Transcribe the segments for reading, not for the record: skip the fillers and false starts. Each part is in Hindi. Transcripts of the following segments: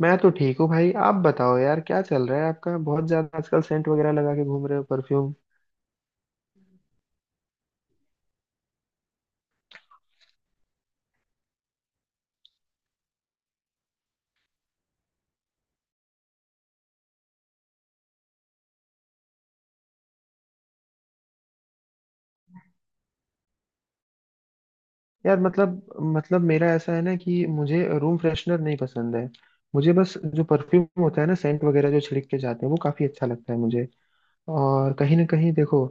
मैं तो ठीक हूँ भाई। आप बताओ यार, क्या चल रहा है आपका? बहुत ज्यादा आजकल सेंट वगैरह लगा के घूम रहे हो, परफ्यूम। यार मतलब मेरा ऐसा है ना कि मुझे रूम फ्रेशनर नहीं पसंद है। मुझे बस जो परफ्यूम होता है ना, सेंट वगैरह जो छिड़क के जाते हैं, वो काफी अच्छा लगता है मुझे। और कहीं ना कहीं देखो,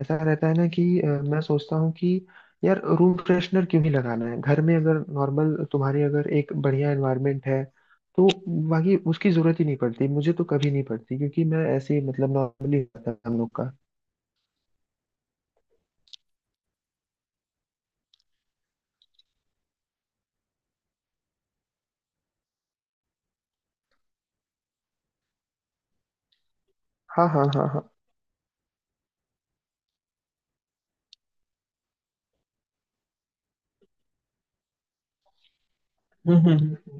ऐसा रहता है ना कि मैं सोचता हूँ कि यार रूम फ्रेशनर क्यों ही लगाना है घर में? अगर नॉर्मल तुम्हारी अगर एक बढ़िया एनवायरनमेंट है तो बाकी उसकी जरूरत ही नहीं पड़ती। मुझे तो कभी नहीं पड़ती, क्योंकि मैं ऐसे ही, मतलब नॉर्मली रहता है हम लोग का। हाँ हाँ हाँ हाँ। हम्म हम्म हम्म।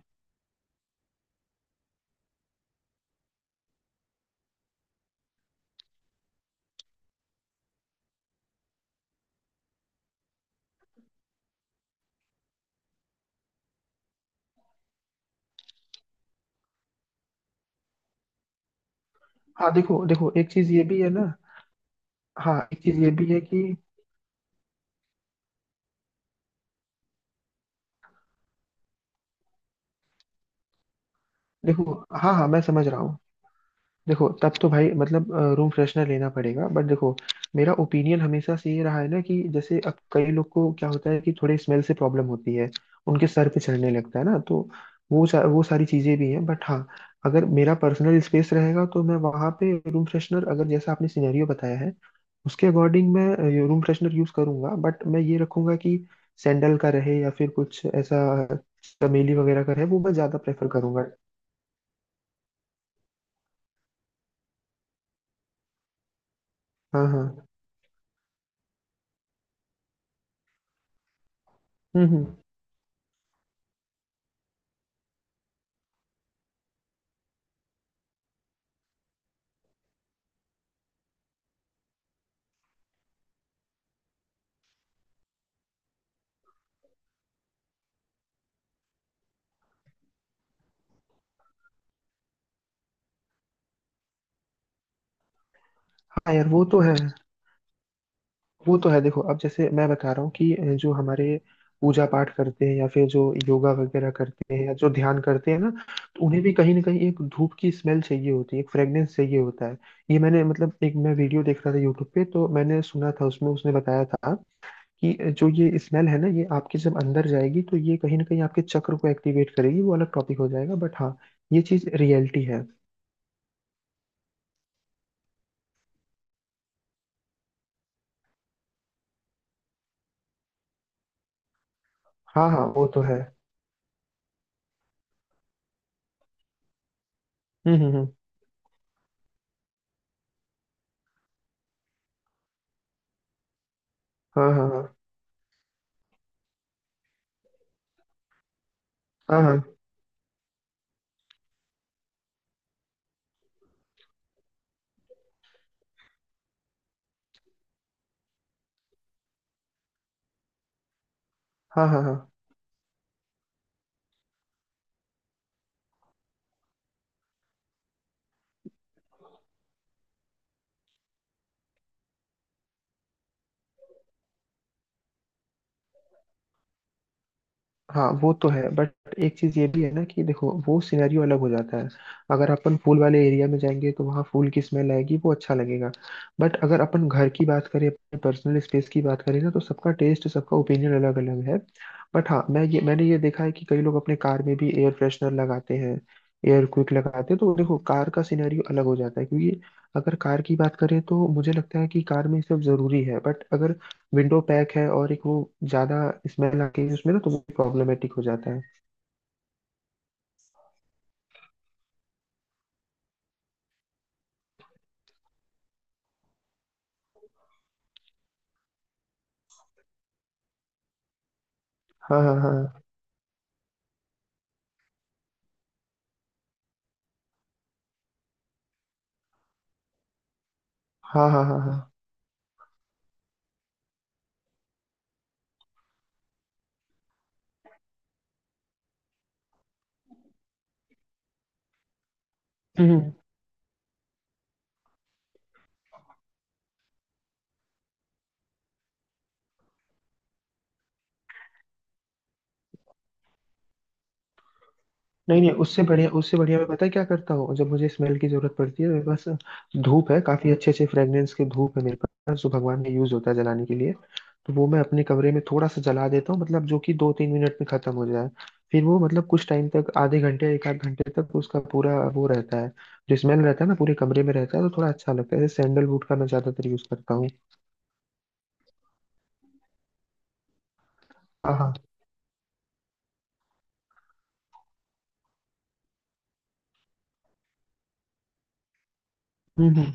हाँ देखो देखो, एक चीज ये भी है ना। हाँ एक चीज ये भी है कि देखो। हाँ हाँ मैं समझ रहा हूँ। देखो तब तो भाई मतलब रूम फ्रेशनर लेना पड़ेगा। बट देखो, मेरा ओपिनियन हमेशा से ये रहा है ना कि जैसे अब कई लोग को क्या होता है कि थोड़े स्मेल से प्रॉब्लम होती है, उनके सर पे चढ़ने लगता है ना। तो वो सारी चीजें भी हैं। बट हाँ, अगर मेरा पर्सनल स्पेस रहेगा तो मैं वहां पे रूम फ्रेशनर, अगर जैसा आपने सिनेरियो बताया है उसके अकॉर्डिंग, मैं रूम फ्रेशनर यूज करूंगा। बट मैं ये रखूंगा कि सैंडल का रहे या फिर कुछ ऐसा, चमेली वगैरह का रहे, वो मैं ज्यादा प्रेफर करूंगा। हाँ हाँ। हम्म। हाँ यार वो तो है। वो तो है। देखो अब जैसे मैं बता रहा हूँ कि जो हमारे पूजा पाठ करते हैं या फिर जो योगा वगैरह करते हैं या जो ध्यान करते हैं ना, तो उन्हें भी कहीं ना कहीं एक धूप की स्मेल चाहिए होती है, एक फ्रेग्रेंस चाहिए होता है। ये मैंने, मतलब एक मैं वीडियो देख रहा था यूट्यूब पे, तो मैंने सुना था उसमें, उसने बताया था कि जो ये स्मेल है ना, ये आपके जब अंदर जाएगी तो ये कहीं ना कहीं आपके चक्र को एक्टिवेट करेगी। वो अलग टॉपिक हो जाएगा, बट हाँ, ये चीज रियलिटी है। हाँ हाँ वो तो है। हम्म। हाँ हाँ हाँ हाँ हाँ हाँ हाँ हाँ। हाँ वो तो है। बट एक चीज ये भी है ना कि देखो, वो सिनेरियो अलग हो जाता है। अगर अपन फूल वाले एरिया में जाएंगे तो वहाँ फूल की स्मेल आएगी, वो अच्छा लगेगा। बट अगर अपन घर की बात करें, अपने पर्सनल स्पेस की बात करें ना, तो सबका टेस्ट, सबका ओपिनियन अलग अलग है। बट हाँ, मैंने ये देखा है कि कई लोग अपने कार में भी एयर फ्रेशनर लगाते हैं, एयर क्विक लगाते हैं। तो देखो, कार का सिनेरियो अलग हो जाता है, क्योंकि अगर कार की बात करें तो मुझे लगता है कि कार में ये सब जरूरी है। बट अगर विंडो पैक है और एक वो ज्यादा स्मेल आती है उसमें ना, तो वो प्रॉब्लमेटिक हो जाता है। हाँ हाँ हाँ हाँ हाँ हाँ हाँ। हम्म। नहीं नहीं, उससे बढ़िया मैं, पता है क्या करता हूँ जब मुझे स्मेल की जरूरत पड़ती है? मेरे पास धूप है, काफी अच्छे अच्छे फ्रेग्रेंस के धूप है मेरे पास, जो भगवान में यूज होता है जलाने के लिए। तो वो मैं अपने कमरे में थोड़ा सा जला देता हूँ, मतलब जो कि दो तीन मिनट में खत्म हो जाए। फिर वो, मतलब कुछ टाइम तक, आधे घंटे एक आध घंटे तक उसका पूरा वो रहता है, जो स्मेल रहता है ना पूरे कमरे में रहता है, तो थोड़ा अच्छा लगता है। सैंडलवुड का मैं ज्यादातर यूज करता हूँ। हाँ हाँ। हम्म।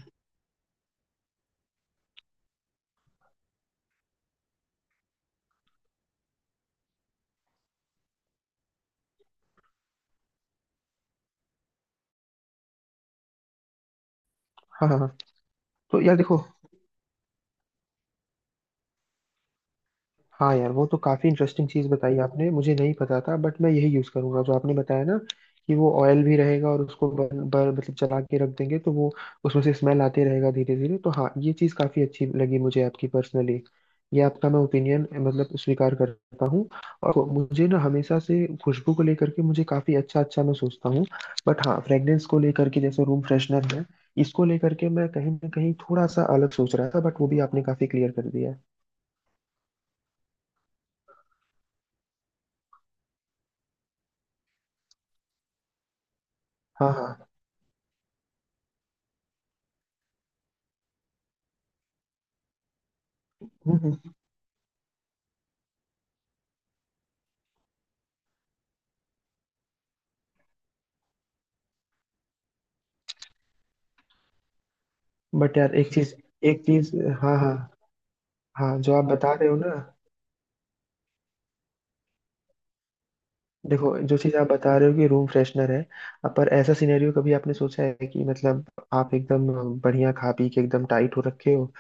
हाँ हाँ हाँ। तो यार देखो, हाँ यार, वो तो काफी इंटरेस्टिंग चीज बताई आपने, मुझे नहीं पता था। बट मैं यही यूज करूंगा जो आपने बताया ना, कि वो ऑयल भी रहेगा और उसको बर्न बर मतलब जला के रख देंगे तो वो उसमें से स्मेल आते रहेगा धीरे धीरे। तो हाँ, ये चीज काफी अच्छी लगी मुझे आपकी पर्सनली। ये आपका मैं ओपिनियन मतलब स्वीकार करता हूँ। और मुझे ना हमेशा से खुशबू को लेकर के मुझे काफी अच्छा अच्छा मैं सोचता हूँ। बट हाँ, फ्रेग्रेंस को लेकर के जैसे रूम फ्रेशनर है, इसको लेकर के मैं कहीं ना कहीं थोड़ा सा अलग सोच रहा था, बट वो भी आपने काफी क्लियर कर दिया है। हाँ हाँ। हम्म। हम्म। बट यार एक चीज, एक चीज। हाँ हाँ हाँ। जो आप बता रहे हो ना, देखो जो चीज आप बता रहे हो कि रूम फ्रेशनर है, अब पर ऐसा सिनेरियो कभी आपने सोचा है कि मतलब आप एकदम बढ़िया खा पी के एकदम टाइट हो रखे हो,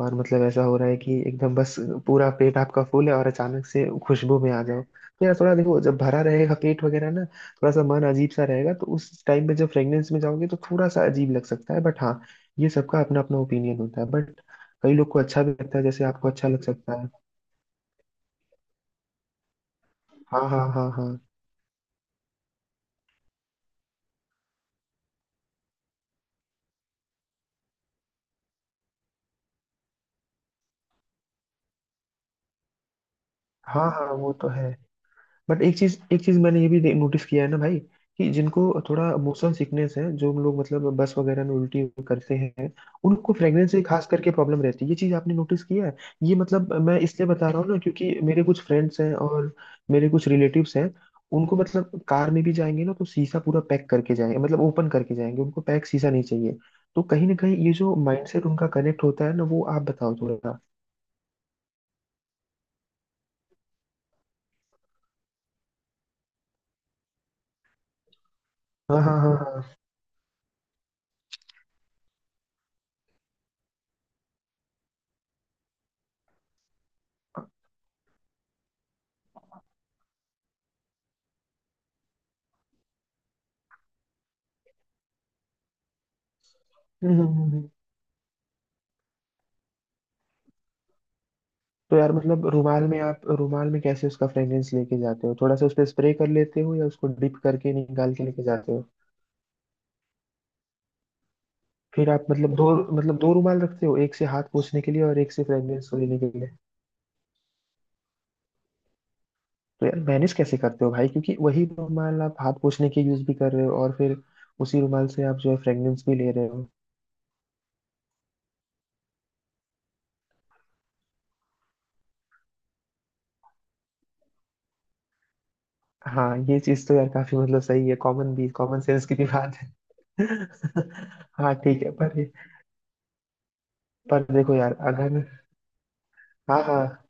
और मतलब ऐसा हो रहा है कि एकदम बस पूरा पेट आपका फुल है, और अचानक से खुशबू में आ जाओ, तो यार थोड़ा, देखो जब भरा रहेगा पेट वगैरह ना, थोड़ा सा मन अजीब सा रहेगा, तो उस टाइम पे जब फ्रेग्रेंस में जाओगे तो थोड़ा सा अजीब लग सकता है। बट हाँ, ये सबका अपना अपना ओपिनियन होता है। बट कई लोग को अच्छा भी लगता है, जैसे आपको अच्छा लग सकता है। हाँ हाँ हाँ हाँ। हाँ हाँ वो तो है। बट एक चीज, एक चीज मैंने ये भी नोटिस किया है ना भाई, कि जिनको थोड़ा मोशन सिकनेस है, जो हम लोग मतलब बस वगैरह में उल्टी करते हैं, उनको फ्रेग्रेंस से खास करके प्रॉब्लम रहती है। ये चीज आपने नोटिस किया है? ये मतलब मैं इसलिए बता रहा हूँ ना, क्योंकि मेरे कुछ फ्रेंड्स हैं और मेरे कुछ रिलेटिव्स हैं। उनको मतलब कार में भी जाएंगे ना तो शीशा पूरा पैक करके जाएंगे, मतलब ओपन करके जाएंगे, उनको पैक शीशा नहीं चाहिए। तो कहीं ना कहीं ये जो माइंडसेट उनका कनेक्ट होता है ना, वो आप बताओ थोड़ा। हाँ हाँ हाँ हाँ। हम्म, हम्म, हम्म, हम्म। तो यार मतलब रुमाल में, आप रुमाल में कैसे उसका फ्रेग्रेंस लेके जाते हो? थोड़ा सा उस पे स्प्रे कर लेते हो, या उसको डिप करके निकाल के लेके जाते हो? फिर आप मतलब दो, मतलब दो रुमाल रखते हो, एक से हाथ पोछने के लिए और एक से फ्रेग्रेंस को लेने के लिए? तो यार मैनेज कैसे करते हो भाई, क्योंकि वही रुमाल आप हाथ पोछने के यूज भी कर रहे हो और फिर उसी रुमाल से आप जो है फ्रेग्रेंस भी ले रहे हो। हाँ ये चीज तो यार काफी मतलब सही है, कॉमन भी, कॉमन सेंस की भी बात है। हाँ ठीक है पर। पर देखो यार, अगर हाँ हाँ।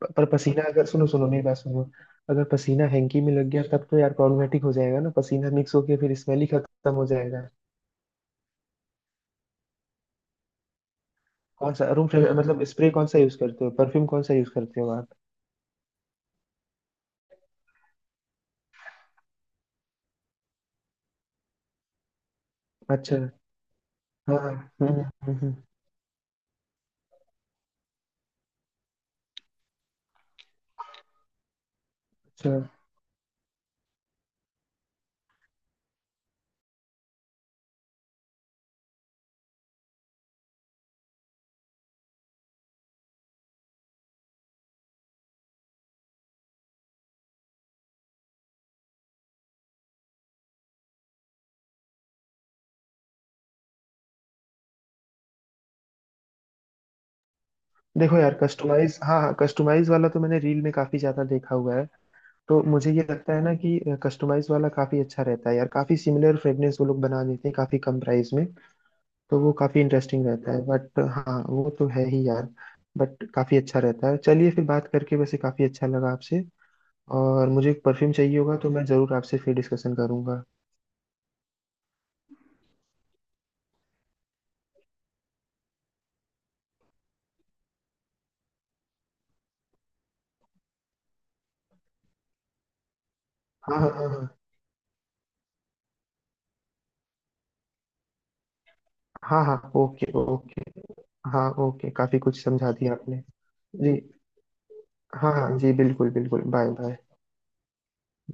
पर पसीना अगर, सुनो सुनो मेरी बात सुनो, अगर पसीना हैंकी में लग गया, तब तो यार प्रॉब्लमेटिक हो जाएगा ना, पसीना मिक्स होके फिर स्मेल ही खत्म हो जाएगा। कौन सा रूम फ्रेश मतलब स्प्रे कौन सा यूज करते हो, परफ्यूम कौन सा यूज करते हो आप? अच्छा। हाँ। हम्म हम्म, हम्म। अच्छा। देखो यार कस्टमाइज, हाँ हाँ, कस्टमाइज वाला तो मैंने रील में काफी ज्यादा देखा हुआ है। तो मुझे ये लगता है ना कि कस्टमाइज वाला काफी अच्छा रहता है यार, काफी सिमिलर फ्रेग्रेंस वो लोग बना देते हैं काफी कम प्राइस में। तो वो काफी इंटरेस्टिंग रहता है। बट हाँ वो तो है ही यार। बट काफी अच्छा रहता है। चलिए फिर, बात करके वैसे काफी अच्छा लगा आपसे। और मुझे परफ्यूम चाहिए होगा तो मैं जरूर आपसे फिर डिस्कशन करूंगा। हाँ हाँ हाँ हाँ हाँ हाँ। Okay okay. हाँ ओके, काफी कुछ समझा दिया आपने। जी। हाँ हाँ जी बिल्कुल बिल्कुल, बाय बाय।